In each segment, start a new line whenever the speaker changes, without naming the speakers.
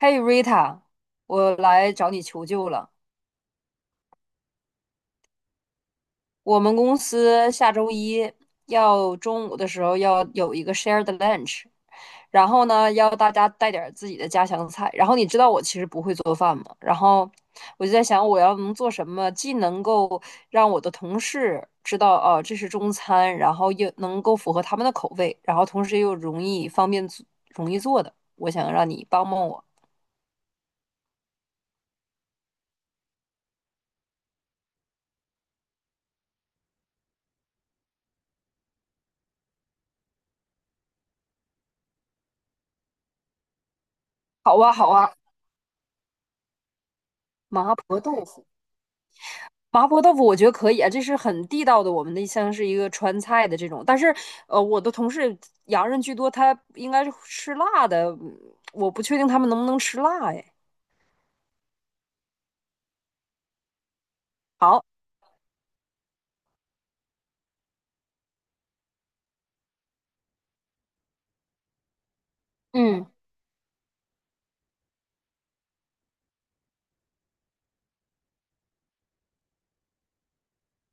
嘿，Rita，我来找你求救了。我们公司下周一要中午的时候要有一个 shared lunch，然后呢，要大家带点儿自己的家乡菜。然后你知道我其实不会做饭嘛，然后我就在想，我要能做什么，既能够让我的同事知道哦，这是中餐，然后又能够符合他们的口味，然后同时又容易方便做容易做的。我想让你帮帮我。好啊，好啊，麻婆豆腐。麻婆豆腐我觉得可以啊，这是很地道的，我们的像是一个川菜的这种。但是，我的同事洋人居多，他应该是吃辣的，我不确定他们能不能吃辣。哎，好，嗯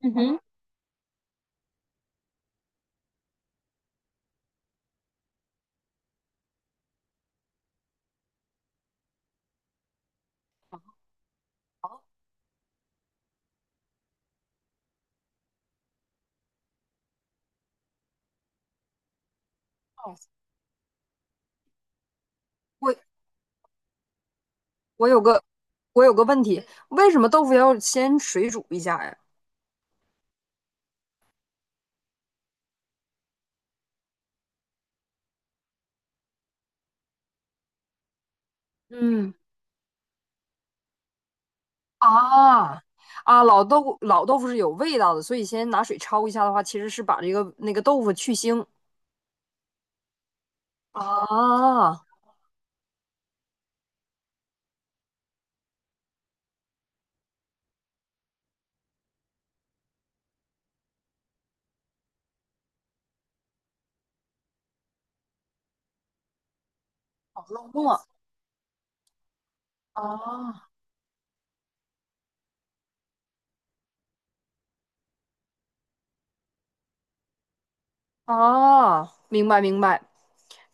嗯哼，我我有个问题，为什么豆腐要先水煮一下呀？嗯，啊啊，老豆腐是有味道的，所以先拿水焯一下的话，其实是把那个豆腐去腥。啊，好漏洞啊啊哦，明白明白，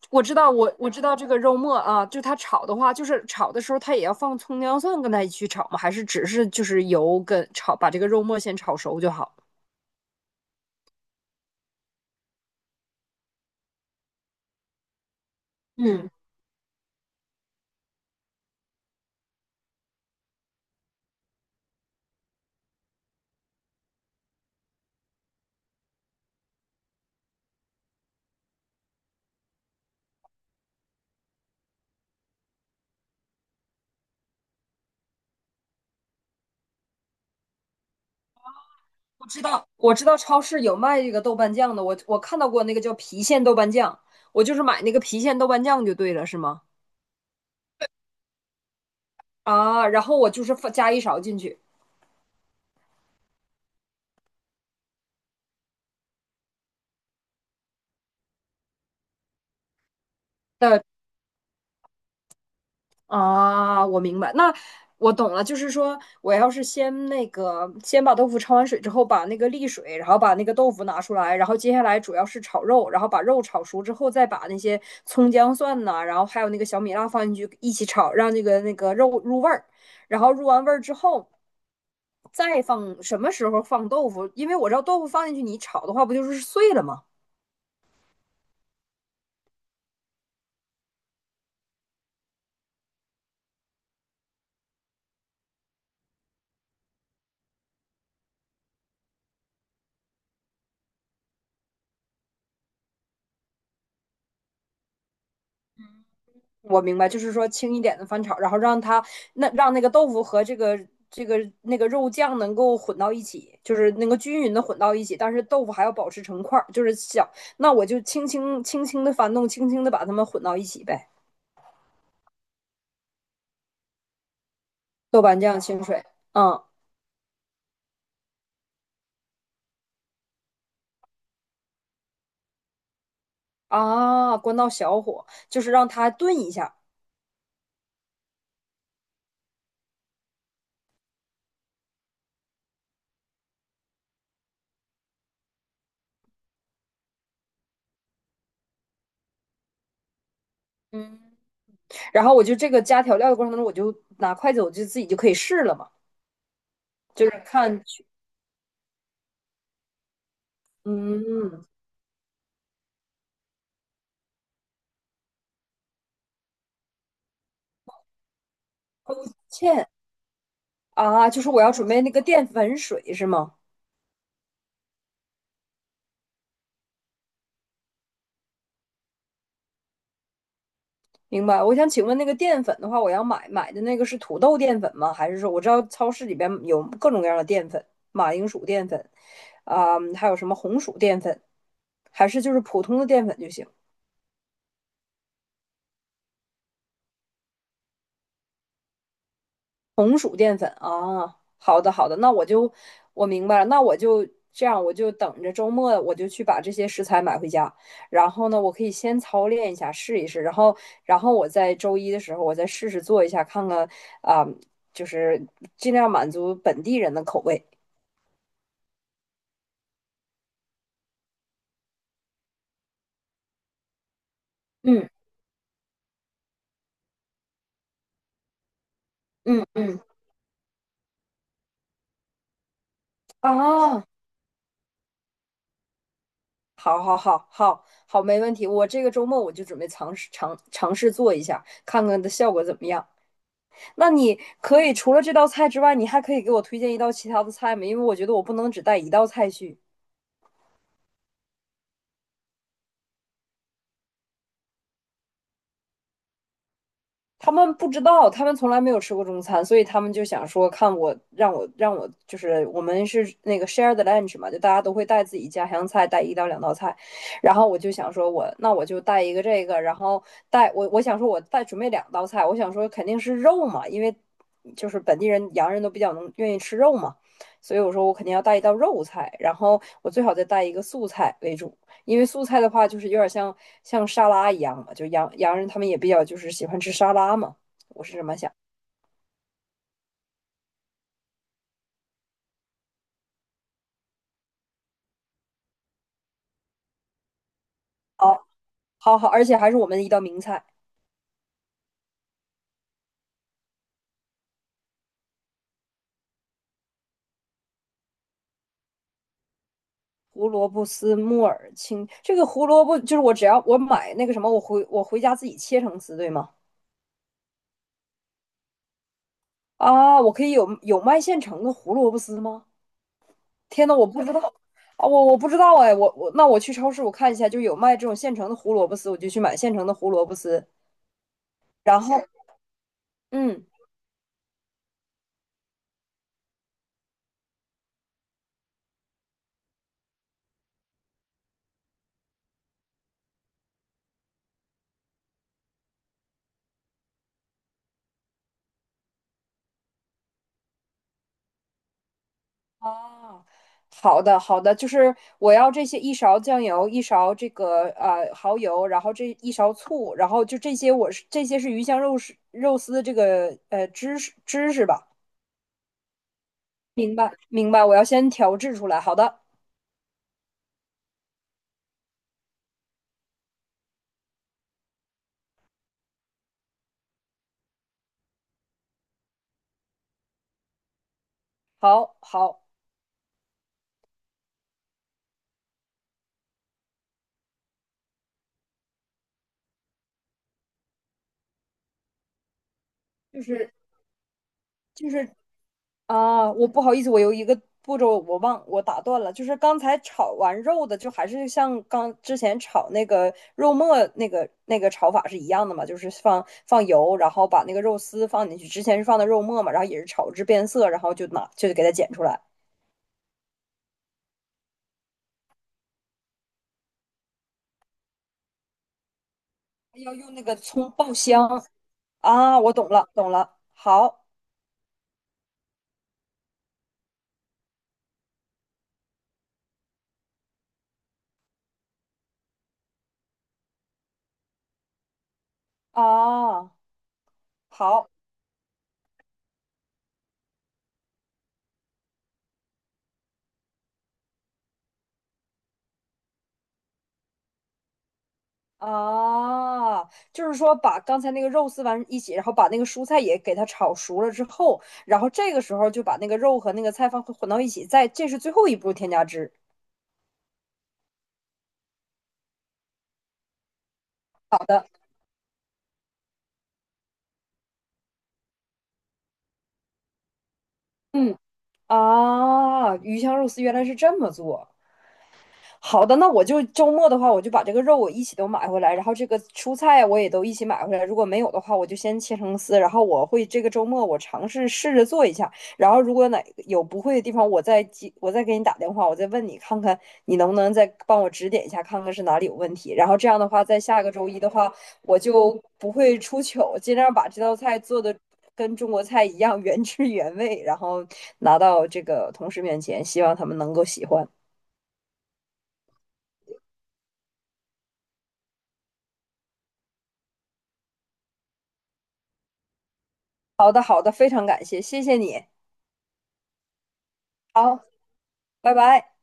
我知道这个肉末啊，就它炒的话，就是炒的时候它也要放葱姜蒜跟它一起炒吗？还是只是就是油跟炒，把这个肉末先炒熟就好？嗯，我知道超市有卖这个豆瓣酱的，我看到过那个叫郫县豆瓣酱，我就是买那个郫县豆瓣酱就对了，是吗？啊，然后我就是放加一勺进去。啊，我明白，那我懂了，就是说我要是先那个先把豆腐焯完水之后，把那个沥水，然后把那个豆腐拿出来，然后接下来主要是炒肉，然后把肉炒熟之后，再把那些葱姜蒜呐，然后还有那个小米辣放进去一起炒，让那个肉入味儿，然后入完味儿之后。再放什么时候放豆腐？因为我知道豆腐放进去你炒的话，不就是碎了吗？我明白，就是说轻一点的翻炒，然后让它那让那个豆腐和这个那个肉酱能够混到一起，就是能够均匀的混到一起，但是豆腐还要保持成块儿，就是小。那我就轻轻的翻动，轻轻的把它们混到一起呗。豆瓣酱、清水，嗯啊，关到小火，就是让它炖一下，嗯。然后我就这个加调料的过程当中，我就拿筷子，我就自己就可以试了嘛，就是看去嗯，芡啊，就是我要准备那个淀粉水是吗？明白。我想请问，那个淀粉的话，我要买的那个是土豆淀粉吗？还是说我知道超市里边有各种各样的淀粉，马铃薯淀粉啊、还有什么红薯淀粉，还是就是普通的淀粉就行？红薯淀粉啊，好的好的，那我就我明白了，那我就这样，我就等着周末我就去把这些食材买回家，然后呢，我可以先操练一下试一试，然后然后我在周一的时候我再试试做一下，看看啊、就是尽量满足本地人的口味。嗯嗯嗯，啊，好好好好好，没问题，我这个周末我就准备尝试做一下，看看的效果怎么样。那你可以除了这道菜之外，你还可以给我推荐一道其他的菜吗？因为我觉得我不能只带一道菜去。他们不知道，他们从来没有吃过中餐，所以他们就想说，看我，让我，让我，就是我们是那个 share the lunch 嘛，就大家都会带自己家乡菜，带一到两道菜，然后我就想说我，我那我就带一个这个，然后带我，我想说我带准备两道菜，我想说肯定是肉嘛，因为就是本地人洋人都比较能愿意吃肉嘛，所以我说我肯定要带一道肉菜，然后我最好再带一个素菜为主。因为素菜的话，就是有点像像沙拉一样嘛，就洋人他们也比较就是喜欢吃沙拉嘛，我是这么想。好，好，好，而且还是我们的一道名菜——胡萝卜丝木耳青。这个胡萝卜就是我只要我买那个什么，我回家自己切成丝，对吗？啊，我可以有卖现成的胡萝卜丝吗？天呐，我不知道啊，我不知道哎，我那我去超市我看一下，就有卖这种现成的胡萝卜丝，我就去买现成的胡萝卜丝，然后嗯。哦，好的好的，就是我要这些一勺酱油，一勺这个蚝油，然后这一勺醋，然后就这些我是这些是鱼香肉丝的这个知识吧？明白明白，我要先调制出来。好的，好好，就是就是啊，我不好意思，我有一个步骤我打断了，就是刚才炒完肉的，就还是像刚之前炒那个肉末那个炒法是一样的嘛，就是放油，然后把那个肉丝放进去，之前是放的肉末嘛，然后也是炒至变色，然后就拿就给它剪出来，要用那个葱爆香啊，我懂了，好啊，好。啊，就是说把刚才那个肉丝完一起，然后把那个蔬菜也给它炒熟了之后，然后这个时候就把那个肉和那个菜放混到一起，再这是最后一步添加汁。好的，嗯，啊，鱼香肉丝原来是这么做。好的，那我就周末的话，我就把这个肉我一起都买回来，然后这个蔬菜我也都一起买回来。如果没有的话，我就先切成丝，然后我会这个周末我尝试试着做一下。然后如果哪有不会的地方，我再记，我再给你打电话，我再问你看看你能不能再帮我指点一下，看看是哪里有问题。然后这样的话，在下个周一的话，我就不会出糗，尽量把这道菜做的跟中国菜一样原汁原味，然后拿到这个同事面前，希望他们能够喜欢。好的，好的，非常感谢，谢谢你。好，拜拜。